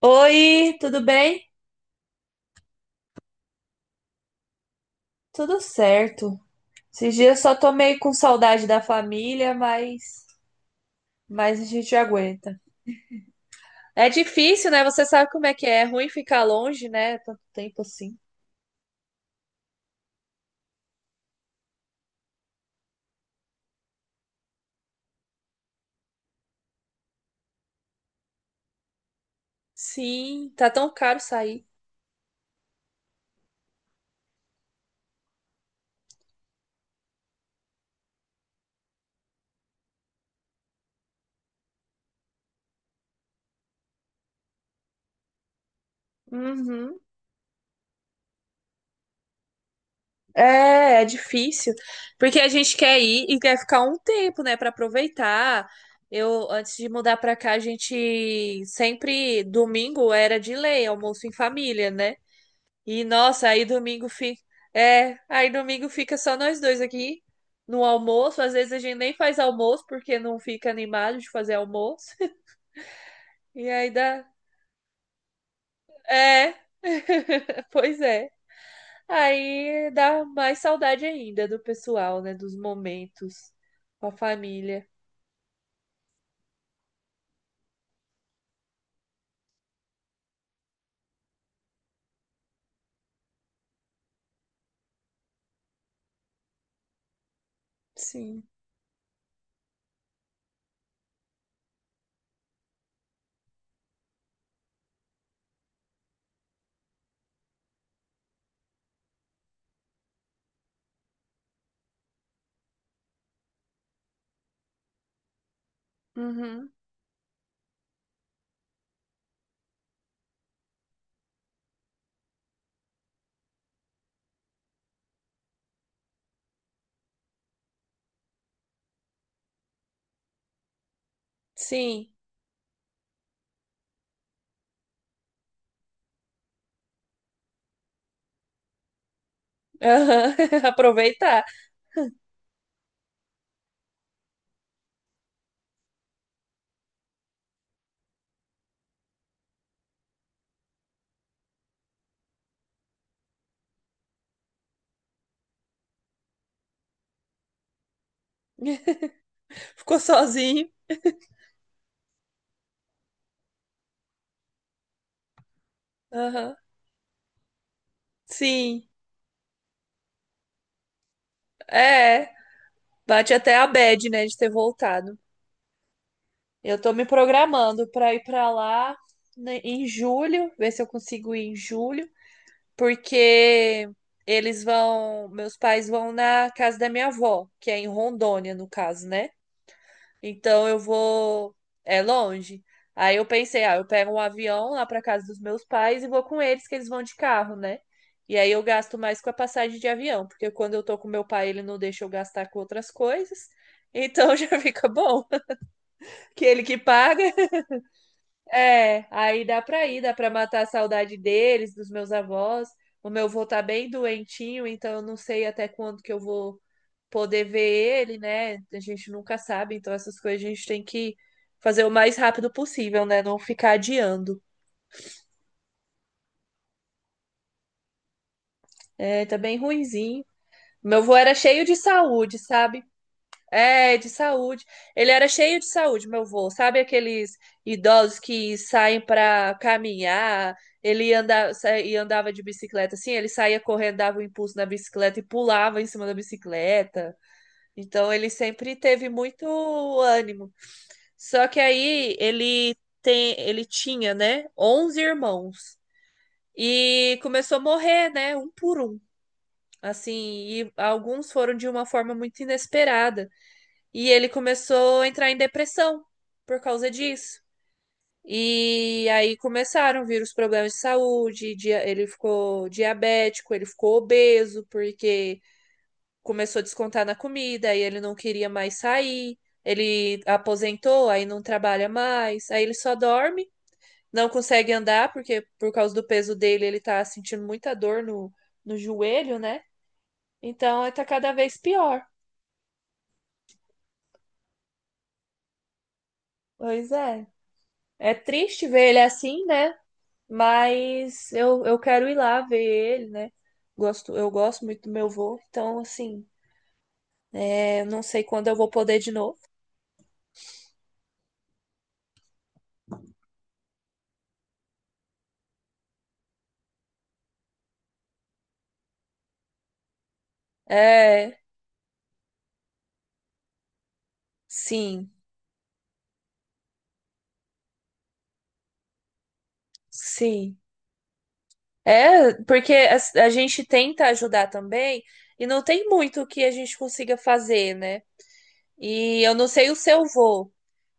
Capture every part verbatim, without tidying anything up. Oi, tudo bem? Tudo certo. Esses dias eu só tô meio com saudade da família, mas, mas a gente aguenta. É difícil, né? Você sabe como é que é. É ruim ficar longe, né? Tanto tempo assim. Sim, tá tão caro sair. Uhum. É, é difícil. Porque a gente quer ir e quer ficar um tempo, né, pra aproveitar. Eu, antes de mudar pra cá, a gente sempre, domingo era de lei, almoço em família, né? E nossa, aí domingo fica. É, aí domingo fica só nós dois aqui no almoço. Às vezes a gente nem faz almoço porque não fica animado de fazer almoço. E aí dá. É, pois é. Aí dá mais saudade ainda do pessoal, né? Dos momentos com a família. Sim. Uhum. Sim. Aham. Aproveitar. Ficou sozinho. Aham. Sim. É. Bate até a bad, né? De ter voltado. Eu tô me programando para ir para lá, né, em julho, ver se eu consigo ir em julho, porque eles vão, meus pais vão na casa da minha avó, que é em Rondônia, no caso, né? Então eu vou, é longe. Aí eu pensei, ah, eu pego um avião lá para casa dos meus pais e vou com eles, que eles vão de carro, né? E aí eu gasto mais com a passagem de avião, porque quando eu tô com meu pai, ele não deixa eu gastar com outras coisas. Então já fica bom, que ele que paga. É, aí dá pra ir, dá pra matar a saudade deles, dos meus avós. O meu avô tá bem doentinho, então eu não sei até quando que eu vou poder ver ele, né? A gente nunca sabe, então essas coisas a gente tem que fazer o mais rápido possível, né? Não ficar adiando. É, tá bem ruinzinho. Meu avô era cheio de saúde, sabe? É, de saúde. Ele era cheio de saúde, meu avô. Sabe aqueles idosos que saem para caminhar? Ele anda, sa- e andava de bicicleta assim, ele saía correndo, dava um impulso na bicicleta e pulava em cima da bicicleta. Então ele sempre teve muito ânimo. Só que aí ele tem, ele tinha, né, Onze irmãos e começou a morrer, né, um por um. Assim, e alguns foram de uma forma muito inesperada. E ele começou a entrar em depressão por causa disso. E aí começaram a vir os problemas de saúde, dia- ele ficou diabético, ele ficou obeso, porque começou a descontar na comida, aí ele não queria mais sair, ele aposentou, aí não trabalha mais, aí ele só dorme, não consegue andar, porque por causa do peso dele ele tá sentindo muita dor no, no joelho, né? Então tá cada vez pior. Pois é. É triste ver ele assim, né? Mas eu, eu quero ir lá ver ele, né? Gosto, eu gosto muito do meu vô, então assim, é, não sei quando eu vou poder de novo. É, sim, sim. É, porque a, a gente tenta ajudar também e não tem muito que a gente consiga fazer, né? E eu não sei o seu vô,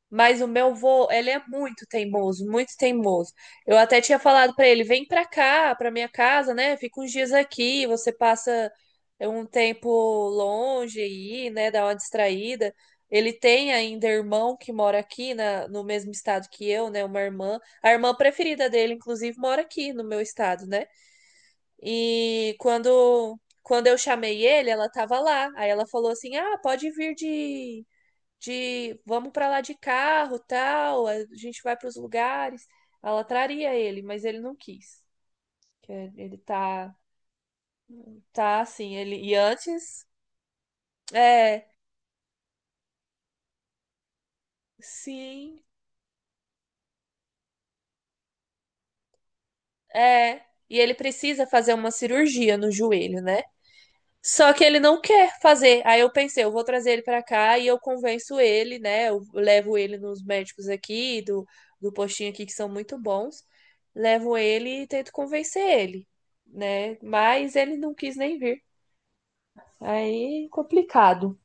mas o meu vô, ele é muito teimoso, muito teimoso. Eu até tinha falado pra ele, vem pra cá, pra minha casa, né? Fica uns dias aqui, você passa é, um tempo longe aí, né? Dá uma distraída. Ele tem ainda irmão que mora aqui na, no mesmo estado que eu, né? Uma irmã. A irmã preferida dele, inclusive, mora aqui no meu estado, né? E quando, quando eu chamei ele, ela tava lá. Aí ela falou assim: Ah, pode vir de de vamos para lá de carro, tal, a gente vai para os lugares. Ela traria ele, mas ele não quis. Que Ele tá tá assim, ele e antes é, sim, é, e ele precisa fazer uma cirurgia no joelho, né? Só que ele não quer fazer. Aí eu pensei, eu vou trazer ele pra cá e eu convenço ele, né? Eu levo ele nos médicos aqui, do, do postinho aqui, que são muito bons. Levo ele e tento convencer ele, né? Mas ele não quis nem vir. Aí, complicado.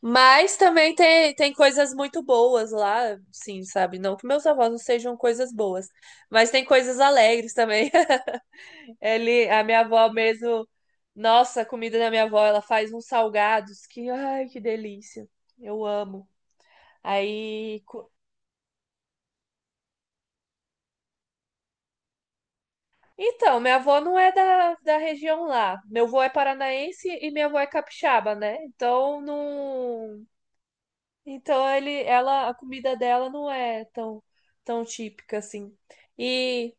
Mas também tem, tem coisas muito boas lá, sim, sabe? Não que meus avós não sejam coisas boas, mas tem coisas alegres também. Ele, a minha avó mesmo, nossa, a comida da minha avó, ela faz uns salgados que, ai, que delícia. Eu amo. Aí, co- então, minha avó não é da, da região lá. Meu avô é paranaense e minha avó é capixaba, né? Então, não, então ele, ela, a comida dela não é tão tão típica assim. E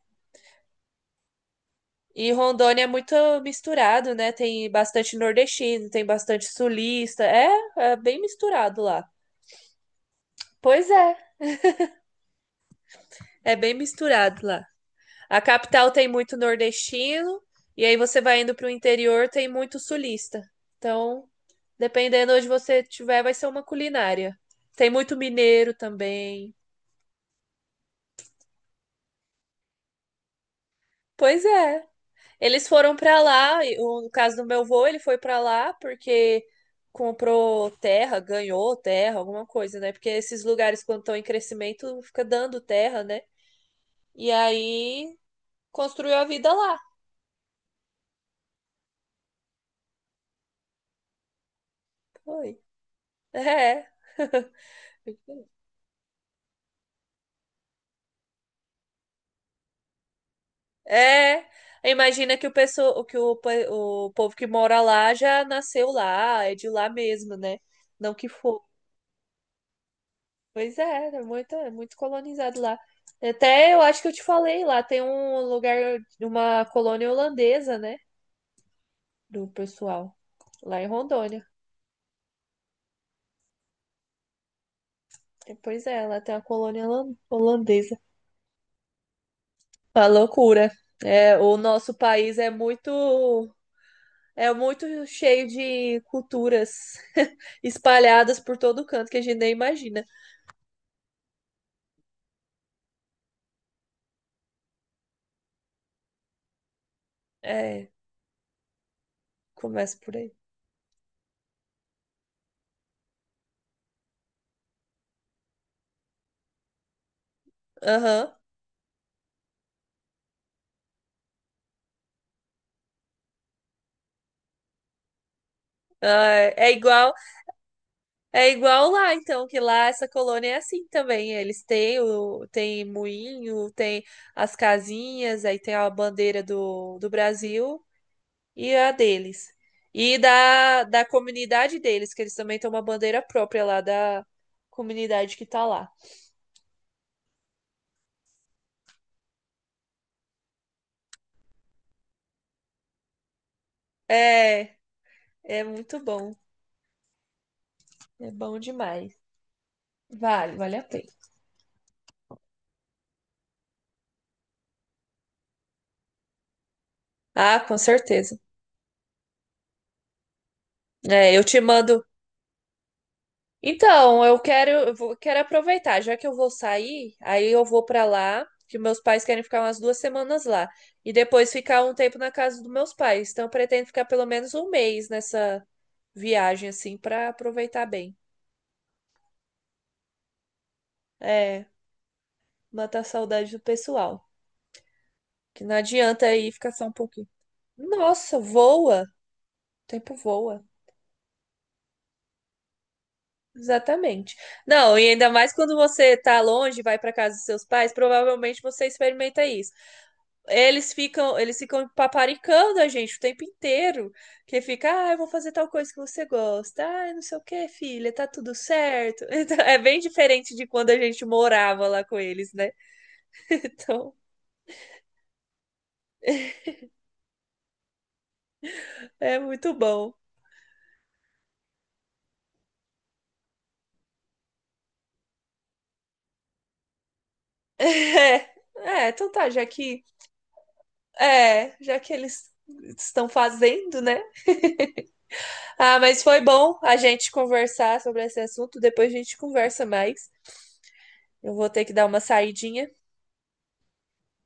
E Rondônia é muito misturado, né? Tem bastante nordestino, tem bastante sulista. É, é bem misturado lá. Pois é, É bem misturado lá. A capital tem muito nordestino, e aí você vai indo para o interior, tem muito sulista. Então, dependendo onde você tiver, vai ser uma culinária. Tem muito mineiro também. Pois é. Eles foram para lá, e o- no caso do meu avô, ele foi para lá porque comprou terra, ganhou terra, alguma coisa, né? Porque esses lugares, quando estão em crescimento, fica dando terra, né? E aí construiu a vida lá. Foi. É. É, imagina que o pessoal, que o, pe- o povo que mora lá já nasceu lá, é de lá mesmo, né? Não que for. Pois é, é muito, é muito colonizado lá. Até eu acho que eu te falei lá, tem um lugar, uma colônia holandesa, né? Do pessoal, lá em Rondônia. É, pois é, lá tem uma colônia holan- holandesa. Uma loucura. É, o nosso país é muito... É muito cheio de culturas espalhadas por todo canto que a gente nem imagina. É, começa por aí. Aham. Ah, É igual, é igual lá, então, que lá essa colônia é assim também. Eles têm o, tem moinho, tem as casinhas, aí tem a bandeira do, do Brasil e a deles. E da, da comunidade deles, que eles também têm uma bandeira própria lá da comunidade que tá lá. É, é muito bom. É bom demais. Vale, vale a pena. Ah, com certeza. É, eu te mando. Então, eu quero, eu vou- quero aproveitar, já que eu vou sair, aí eu vou pra lá, que meus pais querem ficar umas duas semanas lá, e depois ficar um tempo na casa dos meus pais. Então, eu pretendo ficar pelo menos um mês nessa viagem, assim, pra aproveitar bem. É, matar a saudade do pessoal, que não adianta aí ficar só um pouquinho. Nossa, voa! O tempo voa. Exatamente. Não, e ainda mais quando você tá longe, vai para casa dos seus pais, provavelmente você experimenta isso. Eles ficam, eles ficam paparicando a gente o tempo inteiro, que fica, ah, eu vou fazer tal coisa que você gosta. Ah, não sei o que filha, tá tudo certo. Então, é bem diferente de quando a gente morava lá com eles, né? Então, é muito bom. É, é, então tá, já que, é, já que eles estão fazendo, né? Ah, mas foi bom a gente conversar sobre esse assunto. Depois a gente conversa mais. Eu vou ter que dar uma saidinha.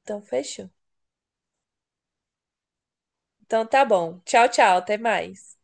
Então, fechou. Então, tá bom. Tchau, tchau. Até mais.